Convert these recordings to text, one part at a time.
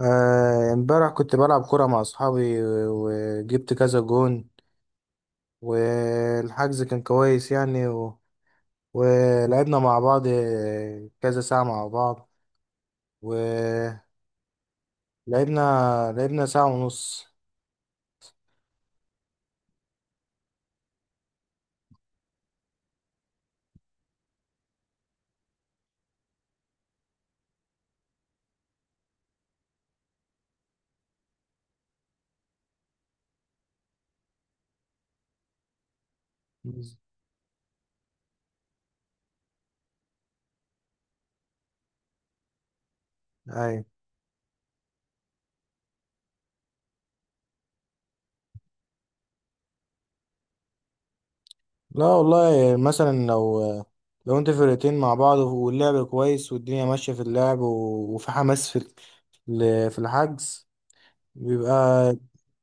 امبارح كنت بلعب كرة مع أصحابي وجبت كذا جون. والحجز كان كويس يعني ولعبنا مع بعض كذا ساعة مع بعض، ولعبنا لعبنا لعبنا ساعة ونص. أي. لا والله مثلا لو انت فرقتين مع بعض واللعب كويس والدنيا ماشية في اللعب، وفي حماس في في الحجز، بيبقى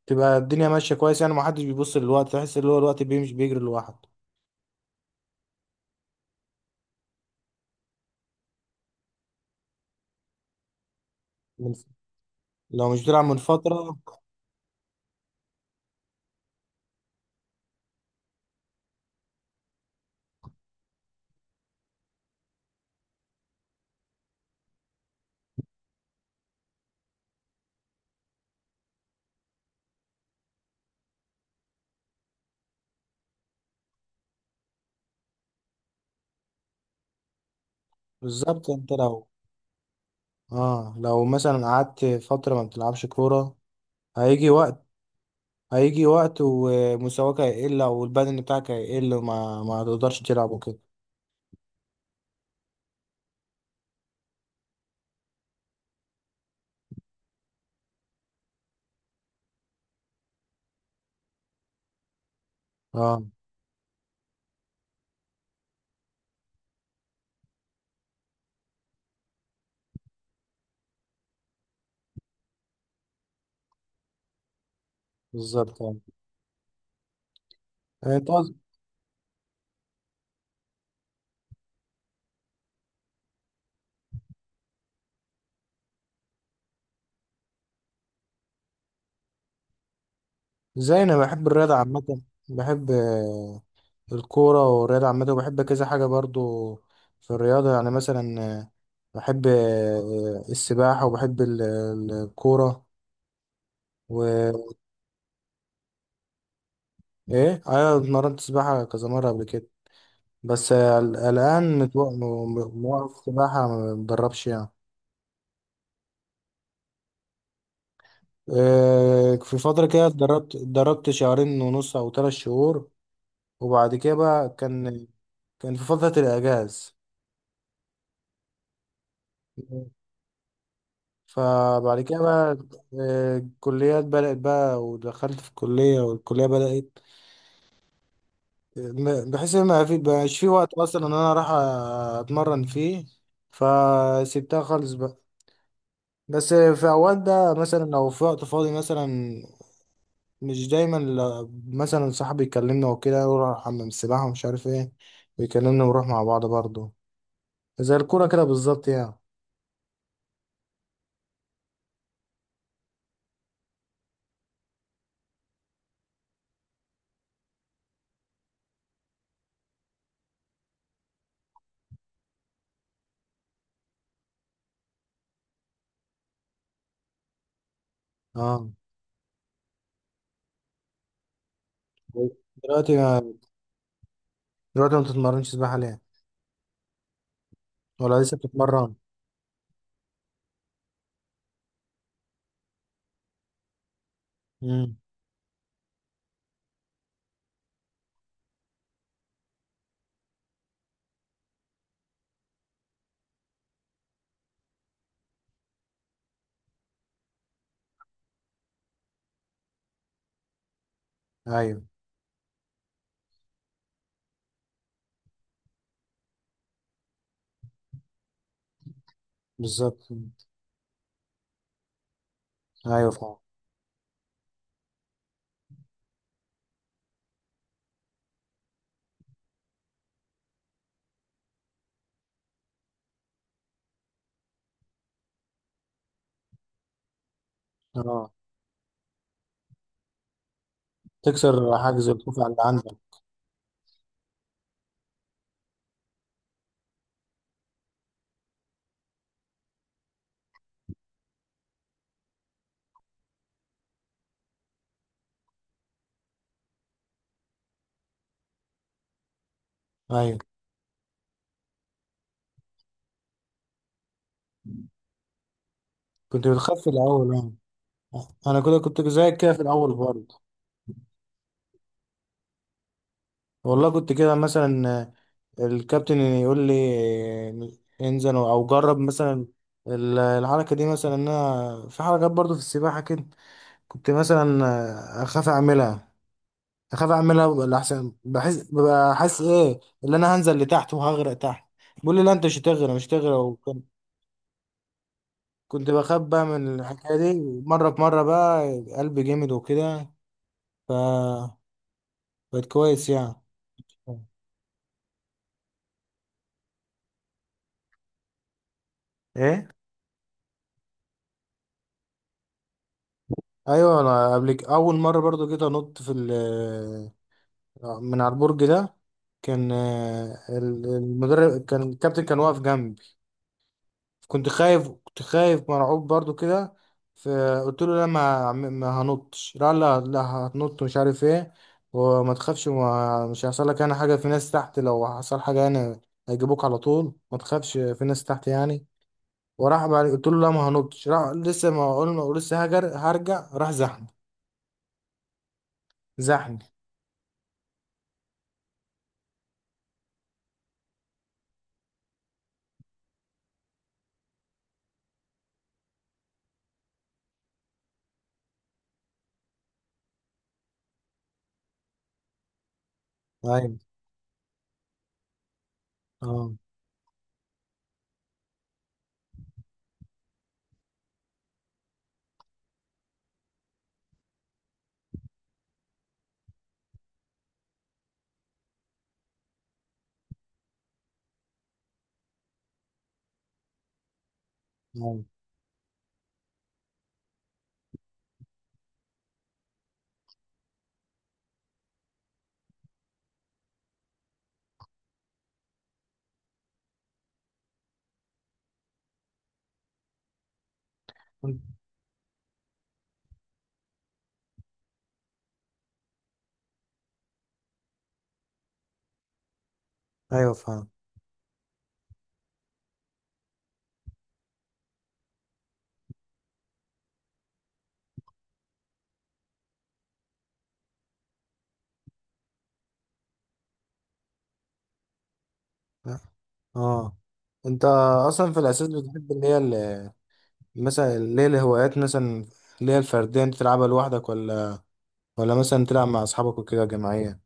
تبقى الدنيا ماشية كويس يعني. ما حدش بيبص للوقت، تحس اللي هو الوقت بيمشي بيجري لوحده. من لو مش بتلعب من فترة. بالظبط، انت لو اه لو مثلا قعدت فترة ما بتلعبش كورة، هيجي وقت هيجي وقت ومستواك هيقل او البدن بتاعك هيقل، وما ما تقدرش تلعب وكده. اه بالظبط. اه انت قصد- زي انا بحب الرياضة عامة. بحب الكورة والرياضة عامة، وبحب كذا حاجة برضو في الرياضة. يعني مثلا بحب السباحة، وبحب الكورة. ايه، ايوه، اتمرنت سباحة كذا مرة قبل كده. بس الان موقف سباحة ما بتدربش يعني. إيه، في فترة كده اتدربت شهرين ونص او 3 شهور. وبعد كده بقى كان في فترة الاجاز. فبعد كده بقى الكليات بدأت بقى، ودخلت في الكلية والكلية بدأت، بحيث ان ما في بقاش في وقت اصلا ان انا راح اتمرن فيه، فسيبتها خالص بقى. بس في اوقات ده مثلا لو في وقت فاضي مثلا، مش دايما. مثلا صاحبي يكلمنا وكده يروح حمام السباحة ومش عارف ايه، ويكلمنا ونروح مع بعض برضه زي الكورة كده بالظبط يعني. اه، دلوقتي ما دلوقتي ما بتتمرنش سباحة ليه؟ ولا لسه بتتمرن؟ امم. ايوه، بالظبط. ايوه، فاهم. اه. تكسر حاجز الخوف على اللي عندك. ايوه، كنت بتخاف في الاول. اه، انا كده كنت زيك كده في الاول برضه. والله كنت كده مثلا، الكابتن يقول لي انزل او جرب مثلا الحركه دي، مثلا إن انا في حركات برضو في السباحه كده. كنت مثلا اخاف اعملها اخاف اعملها ولا احسن، بحس ببقى حاسس ايه اللي انا هنزل لتحت وهغرق تحت. بيقول لي لا انت مش هتغرق، مش هتغرق. وكنت بخاف بقى من الحكايه دي. مره في مره بقى قلبي جامد وكده. ف بقت كويس يعني. ايه، ايوه. انا اول مره برضو جيت انط في من على البرج ده. كان المدرب كان، الكابتن كان واقف جنبي. كنت خايف، كنت خايف مرعوب برضو كده. فقلت له لا، ما هنطش. لا لا لا، هتنط مش عارف ايه، وما تخافش، مش هيحصل لك انا حاجه، في ناس تحت، لو حصل حاجه انا هيجيبوك على طول، ما تخافش، في ناس تحت يعني. وراح بعد قلت له لا ما هنطش، راح لسه ما اقول لسه هرجع راح زحني. زحني. ايوه. اه، اه، أنت- ايوه، فاهم. اه. انت اصلا في الاساس بتحب اللي هي مثلا، اللي هي الهوايات مثلا، اللي هي الفرديه انت تلعبها لوحدك، ولا مثلا تلعب مع اصحابك وكده جماعيه؟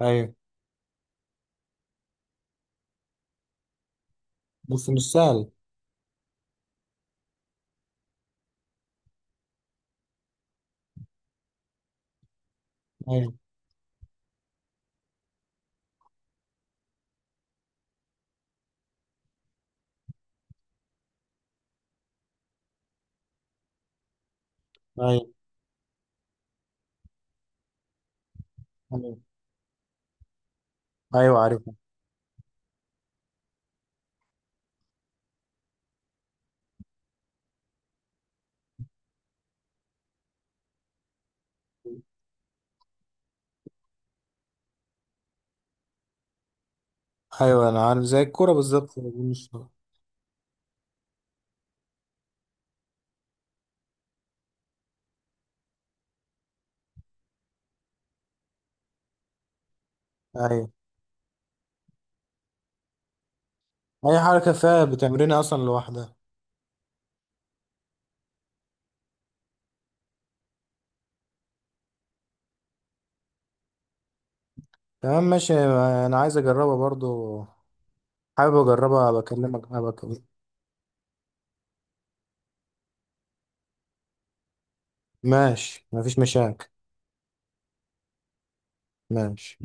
ايوه. بس مش سهل. ايوه، ايوه، ايوه، ايوه، عارف. ايوه، انا عارف زي الكوره بالظبط. مش. ايوه. اي حركه فيها بتمرينها اصلا لوحدها. تمام، ماشي. انا عايز اجربها برضو، حابب اجربها. ماشي، مفيش مشاكل. ماشي.